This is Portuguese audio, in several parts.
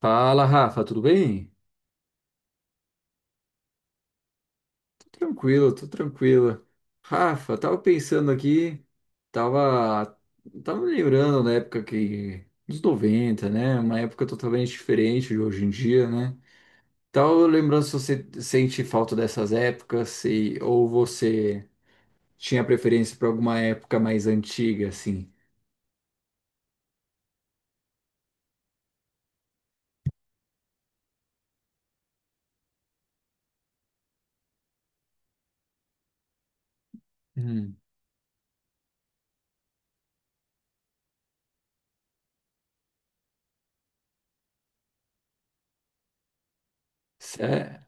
Fala, Rafa, tudo bem? Tô tranquilo, tô tranquilo. Rafa, tava pensando aqui, tava, tava me lembrando da época que, dos 90, né? Uma época totalmente diferente de hoje em dia, né? Tava lembrando se você sente falta dessas épocas, se, ou você tinha preferência por alguma época mais antiga, assim. Hum. Cé-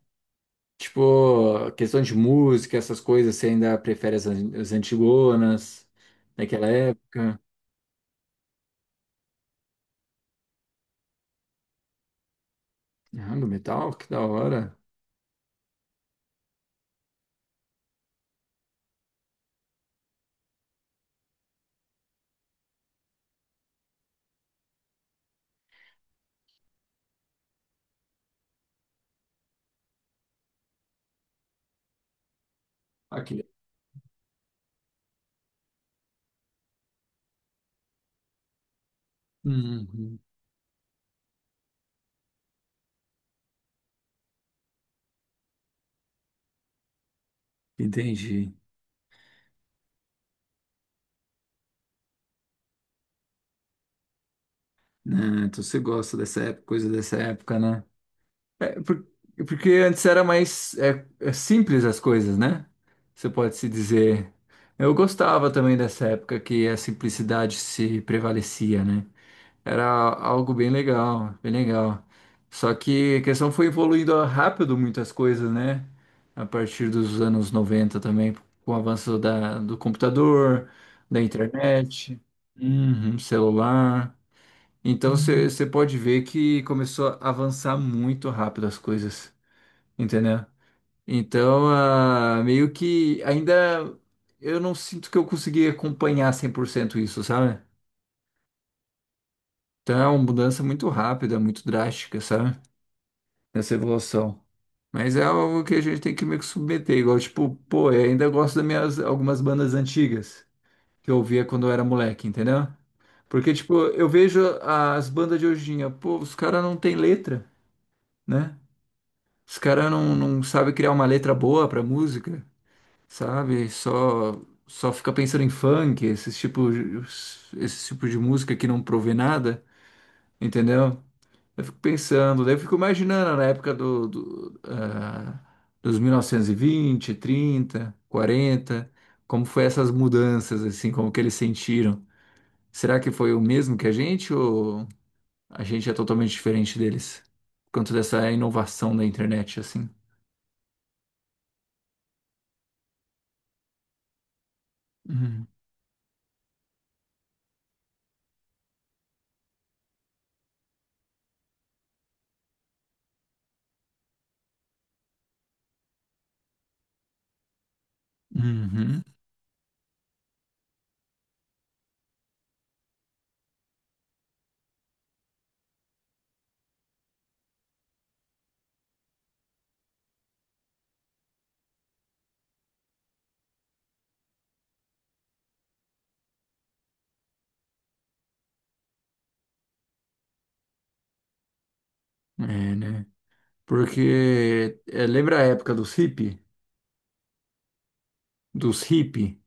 Tipo, questão de música, essas coisas, você ainda prefere as antigonas daquela época? Ah, do metal? Que da hora. Aqui. Uhum, entendi. Ah, então você gosta dessa época, coisa dessa época, né? É, por- Porque antes era mais é simples as coisas, né? Você pode se dizer. Eu gostava também dessa época que a simplicidade se prevalecia, né? Era algo bem legal, bem legal. Só que a questão foi evoluindo rápido muitas coisas, né? A partir dos anos 90 também, com o avanço da, do computador, da internet, uhum, celular. Então você pode ver que começou a avançar muito rápido as coisas, entendeu? Então, meio que ainda eu não sinto que eu consegui acompanhar 100% isso, sabe? Então é uma mudança muito rápida, muito drástica, sabe? Nessa evolução. Mas é algo que a gente tem que meio que submeter, igual, tipo, pô, eu ainda gosto das minhas algumas bandas antigas que eu ouvia quando eu era moleque, entendeu? Porque, tipo, eu vejo as bandas de hoje em dia, pô, os caras não tem letra, né? Os caras não sabem criar uma letra boa pra música, sabe? Só fica pensando em funk, esses tipo de música que não provê nada, entendeu? Eu fico pensando, daí eu fico imaginando na época dos 1920, 30, 40, como foi essas mudanças, assim, como que eles sentiram. Será que foi o mesmo que a gente ou a gente é totalmente diferente deles? Por conta dessa inovação da internet, assim. Uhum. Uhum. É, né? Porque é, lembra a época dos hippie? Dos hippie?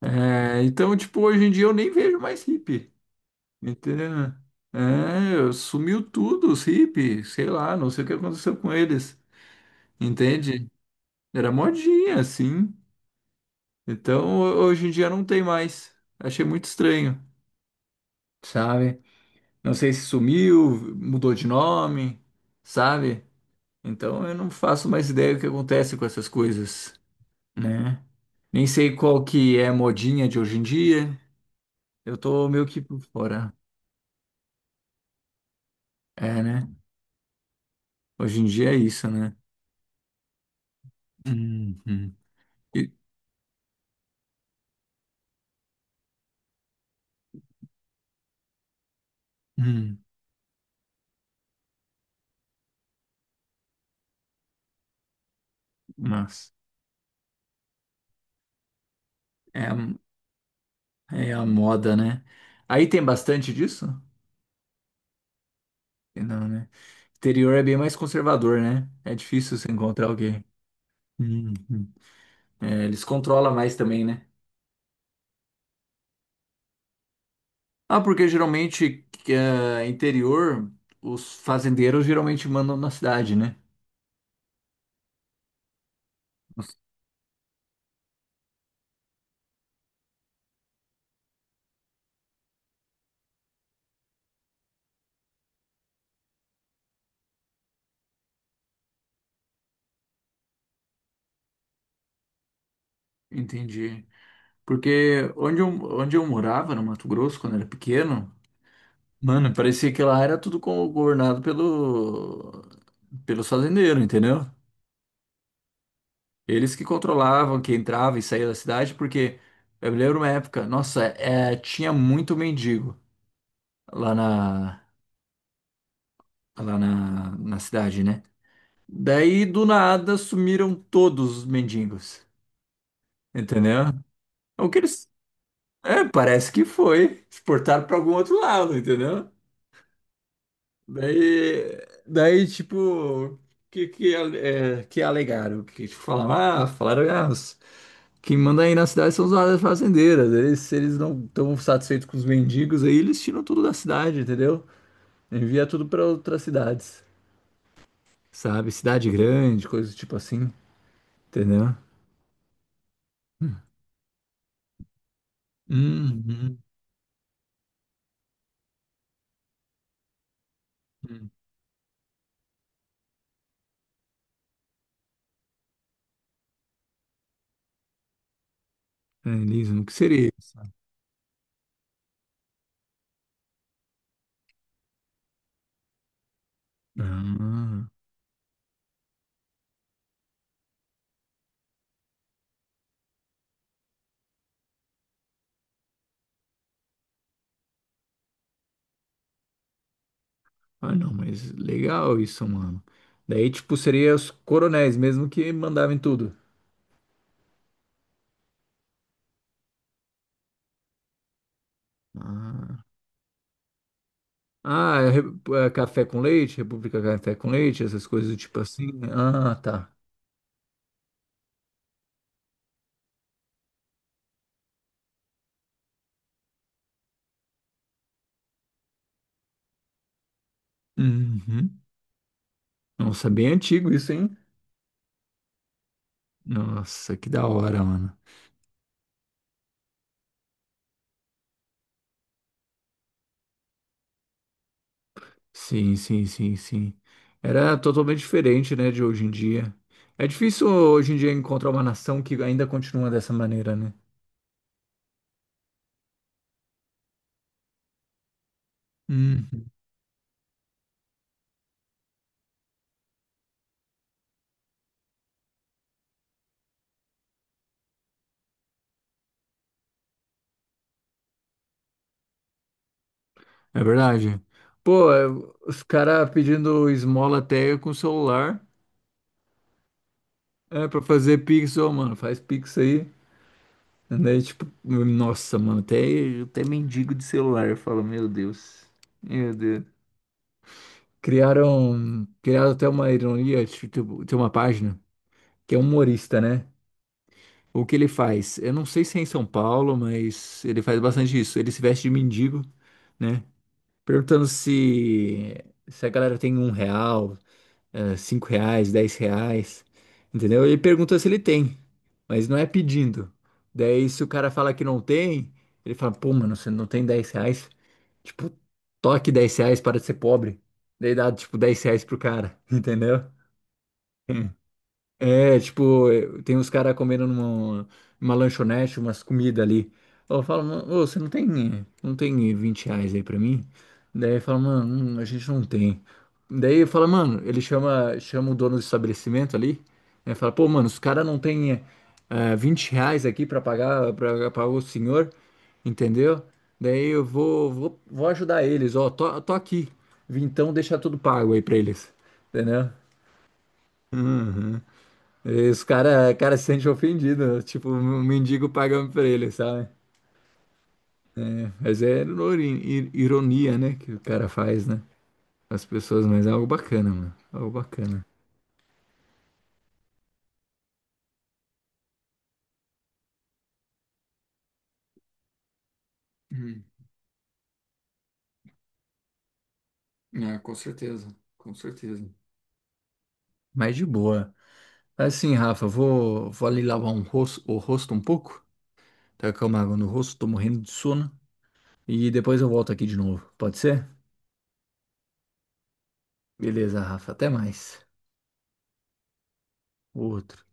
É, então, tipo, hoje em dia eu nem vejo mais hippie. Entendeu? É, sumiu tudo, os hippies, sei lá, não sei o que aconteceu com eles, entende? Era modinha, assim. Então, hoje em dia não tem mais. Achei muito estranho, sabe? Não sei se sumiu, mudou de nome, sabe? Então, eu não faço mais ideia do que acontece com essas coisas, né? Nem sei qual que é a modinha de hoje em dia. Eu tô meio que por fora. É, né? Hoje em dia é isso, né? Uhum. E- Hum. Mas é, a- é a moda, né? Aí tem bastante disso? Não, né? Interior é bem mais conservador, né? É difícil você encontrar alguém. Uhum. É, eles controlam mais também, né? Ah, porque geralmente que, é, interior, os fazendeiros geralmente mandam na cidade, né? Nossa, entendi. Porque onde eu morava, no Mato Grosso, quando era pequeno, mano, parecia que lá era tudo governado pelo, pelos fazendeiros, entendeu? Eles que controlavam, que entrava e saía da cidade, porque eu me lembro uma época, nossa, é, tinha muito mendigo lá na, na cidade, né? Daí do nada sumiram todos os mendigos, entendeu? O que eles, é, parece que foi, exportaram para algum outro lado, entendeu? Daí, daí tipo, que, que alegaram? Que tipo, falaram, falaram, quem manda aí na cidade são os áreas fazendeiras. Eles, se eles não estão satisfeitos com os mendigos aí, eles tiram tudo da cidade, entendeu? Envia tudo para outras cidades, sabe? Cidade grande, coisa tipo assim, entendeu? Uhum. É, Liso, o que seria isso? Ah, não, mas legal isso, mano. Daí, tipo, seria os coronéis mesmo que mandavam em tudo. Ah, ah é é café com leite, República Café com Leite, essas coisas do tipo assim, né? Ah, tá. Uhum. Nossa, bem antigo isso, hein? Nossa, que da hora, mano. Sim, sim, sim, sim. Era totalmente diferente, né, de hoje em dia. É difícil hoje em dia encontrar uma nação que ainda continua dessa maneira, né? Hum, é verdade. Pô, é, os caras pedindo esmola até com o celular, é, pra fazer pix, ô, mano, faz pix aí. Daí, tipo, nossa, mano, até mendigo de celular, eu falo, meu Deus. Meu Deus. Criaram até uma ironia, tipo, tem uma página que é humorista, né? O que ele faz? Eu não sei se é em São Paulo, mas ele faz bastante isso. Ele se veste de mendigo, né? Perguntando se a galera tem R$ 1, R$ 5, R$ 10, entendeu? Ele pergunta se ele tem, mas não é pedindo. Daí, se o cara fala que não tem, ele fala, pô, mano, você não tem R$ 10? Tipo, toque R$ 10 para de ser pobre. Daí dá, tipo, R$ 10 pro cara, entendeu? É, tipo, eh, tem uns caras comendo numa lanchonete, umas comidas ali. Eu falo, mano, ô, você não tem R$ 20 aí pra mim? Daí fala, mano, a gente não tem. Daí fala, mano, ele chama o dono do estabelecimento ali, né? Fala, pô, mano, os caras não tem R$ 20 aqui pra pagar o senhor, entendeu? Daí eu vou ajudar eles, ó, tô aqui. Vim, então deixa tudo pago aí pra eles, entendeu? Uhum. Esse cara se sente ofendido, tipo, um mendigo pagando pra ele, sabe? Mas é ironia, né, que o cara faz, né? As pessoas, mas é algo bacana, mano. Algo bacana. Hum. É, com certeza, com certeza. Mas de boa. Assim, Rafa, vou ali lavar um rosto, o rosto um pouco. Tacar uma água no rosto, tô morrendo de sono. E depois eu volto aqui de novo. Pode ser? Beleza, Rafa, até mais. Outro.